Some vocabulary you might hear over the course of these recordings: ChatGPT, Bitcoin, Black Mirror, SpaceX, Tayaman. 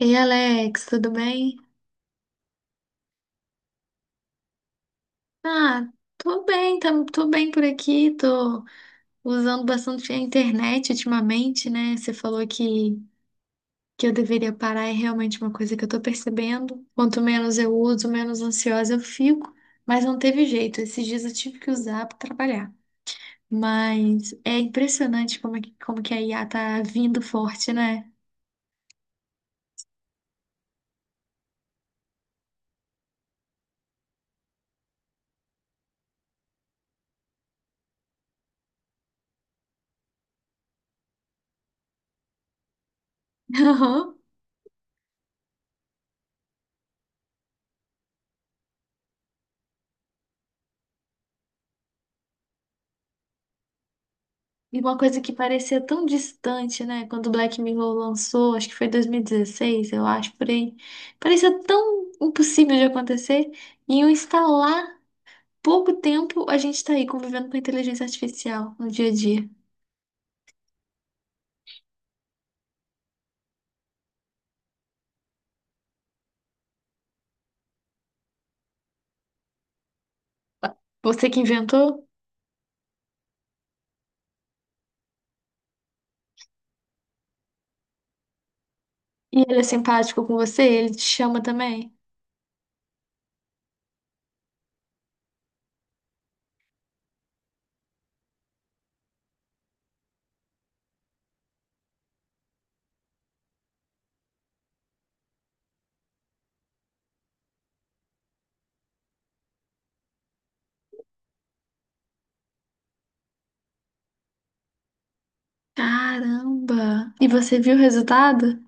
Ei, Alex, tudo bem? Ah, tô bem, tô bem por aqui, tô usando bastante a internet ultimamente, né? Você falou que eu deveria parar, é realmente uma coisa que eu tô percebendo. Quanto menos eu uso, menos ansiosa eu fico, mas não teve jeito, esses dias eu tive que usar pra trabalhar. Mas é impressionante como que a IA tá vindo forte, né? E uma coisa que parecia tão distante, né? Quando o Black Mirror lançou, acho que foi 2016, eu acho, por aí. Parecia tão impossível de acontecer. E em um pouco tempo, a gente tá aí convivendo com a inteligência artificial no dia a dia. Você que inventou? E ele é simpático com você? Ele te chama também? Caramba! E você viu o resultado?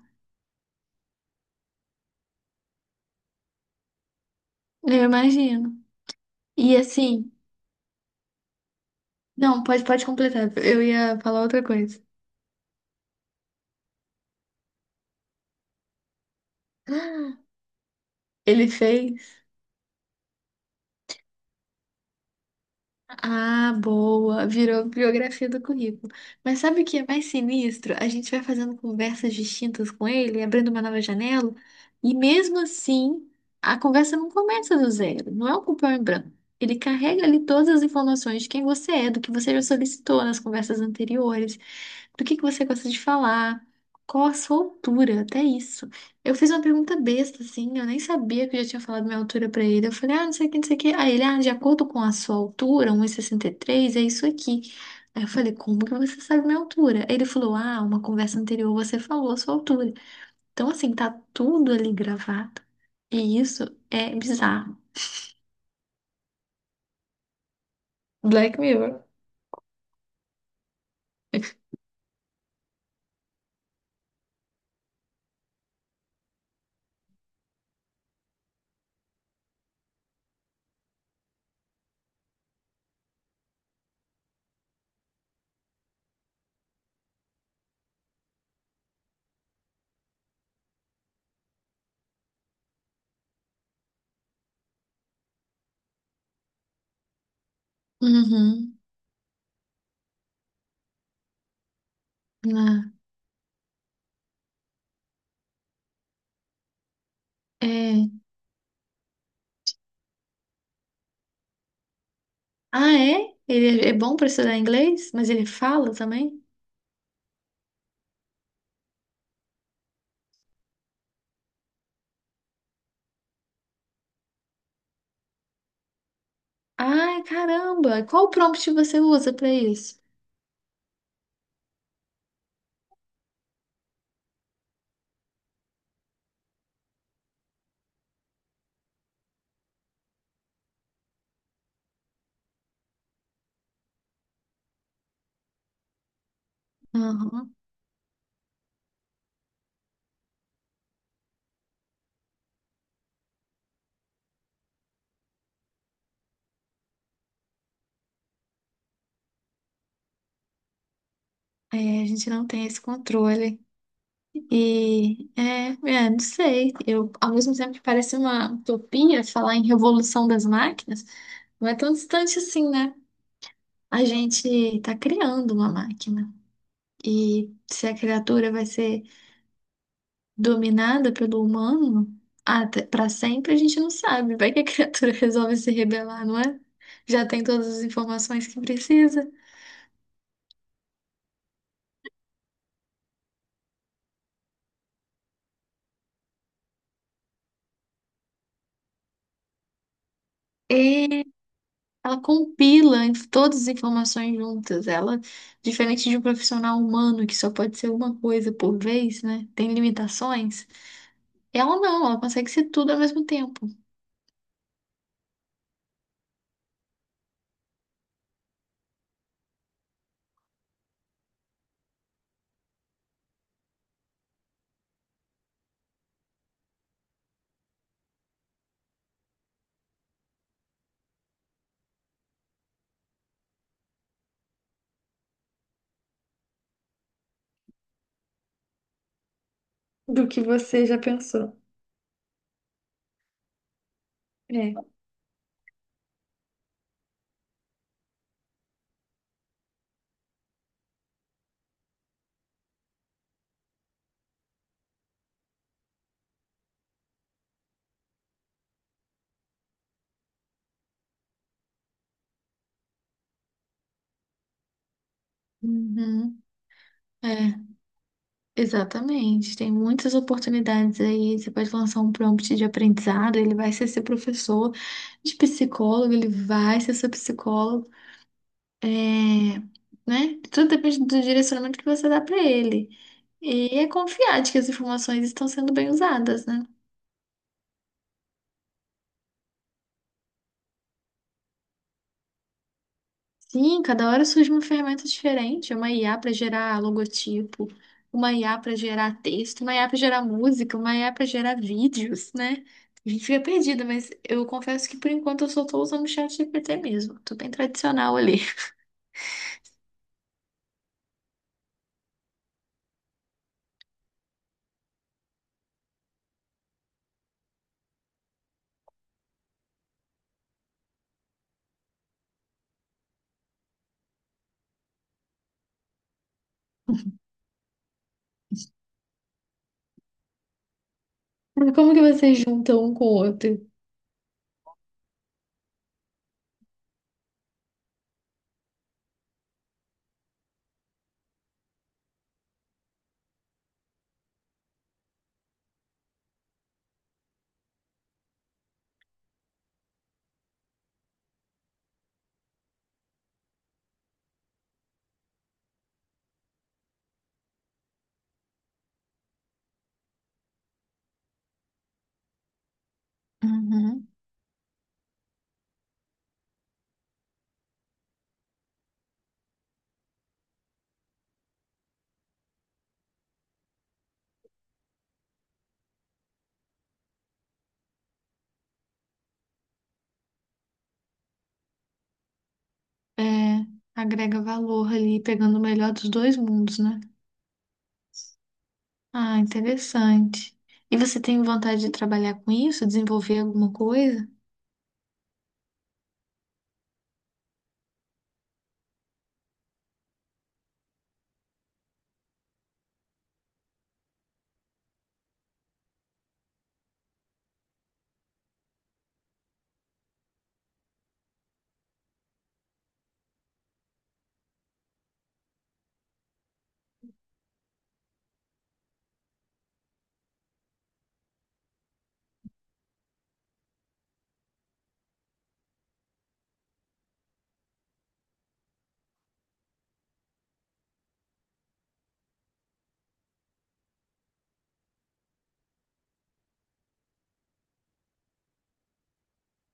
Eu imagino. E assim, não, pode completar. Eu ia falar outra coisa. Ele fez. Ah, boa. Virou biografia do currículo. Mas sabe o que é mais sinistro? A gente vai fazendo conversas distintas com ele, abrindo uma nova janela, e mesmo assim, a conversa não começa do zero. Não é um cupom em branco. Ele carrega ali todas as informações de quem você é, do que você já solicitou nas conversas anteriores, do que você gosta de falar, qual a sua altura, até isso. Eu fiz uma pergunta besta, assim, eu nem sabia que eu já tinha falado minha altura pra ele. Eu falei, ah, não sei o que, não sei o que. Aí ele, ah, de acordo com a sua altura, um e 63 é isso aqui. Aí eu falei, como que você sabe minha altura? Aí ele falou, ah, uma conversa anterior você falou a sua altura. Então, assim, tá tudo ali gravado. E isso é bizarro. Black Mirror. Uhum. Ah, é. Ah, é? Ele é bom pra estudar inglês, mas ele fala também? Ai, caramba! Qual prompt você usa pra isso? É, a gente não tem esse controle. Não sei. Eu, ao mesmo tempo que parece uma utopia falar em revolução das máquinas, não é tão distante assim, né? A gente está criando uma máquina. E se a criatura vai ser dominada pelo humano até para sempre, a gente não sabe. Vai que a criatura resolve se rebelar, não é? Já tem todas as informações que precisa. Ela compila todas as informações juntas. Ela, diferente de um profissional humano que só pode ser uma coisa por vez, né? Tem limitações. Ela não, ela consegue ser tudo ao mesmo tempo. Do que você já pensou. É. Uhum, é, exatamente. Tem muitas oportunidades aí. Você pode lançar um prompt de aprendizado, ele vai ser seu professor, de psicólogo, ele vai ser seu psicólogo. É, né? Tudo depende do direcionamento que você dá para ele. E é confiar de que as informações estão sendo bem usadas, né? Sim, cada hora surge uma ferramenta diferente, uma IA para gerar logotipo, uma IA para gerar texto, uma IA para gerar música, uma IA para gerar vídeos, né? A gente fica perdido, mas eu confesso que por enquanto eu só tô usando o chat ChatGPT mesmo. Tô bem tradicional ali. Mas como que vocês juntam um com o outro? Uhum. É, agrega valor ali, pegando o melhor dos dois mundos, né? Ah, interessante. E você tem vontade de trabalhar com isso, desenvolver alguma coisa?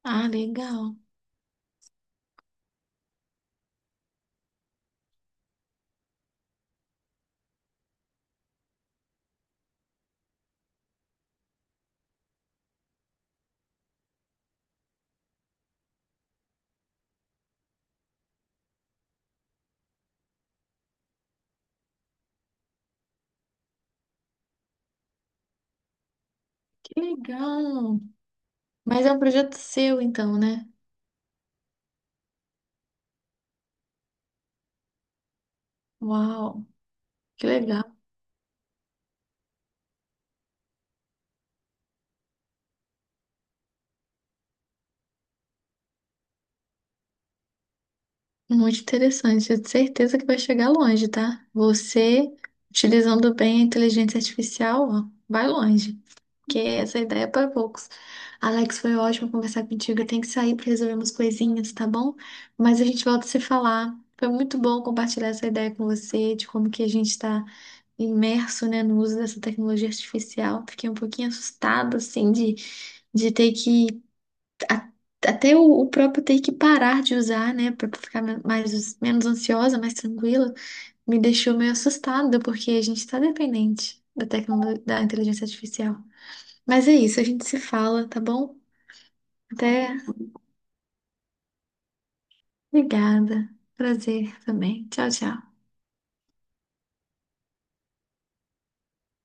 Ah, legal. Que legal. Mas é um projeto seu, então, né? Uau, que legal. Muito interessante. Eu tenho certeza que vai chegar longe, tá? Você, utilizando bem a inteligência artificial, ó, vai longe. Porque essa ideia é para poucos. Alex, foi ótimo conversar contigo. Eu tenho que sair para resolver umas coisinhas, tá bom? Mas a gente volta a se falar. Foi muito bom compartilhar essa ideia com você, de como que a gente está imerso, né, no uso dessa tecnologia artificial. Fiquei um pouquinho assustada, assim, de ter a- até o próprio ter que parar de usar, né, para ficar menos ansiosa, mais tranquila, me deixou meio assustada, porque a gente está dependente da tecnologia, da inteligência artificial. Mas é isso, a gente se fala, tá bom? Até. Obrigada. Prazer também. Tchau, tchau.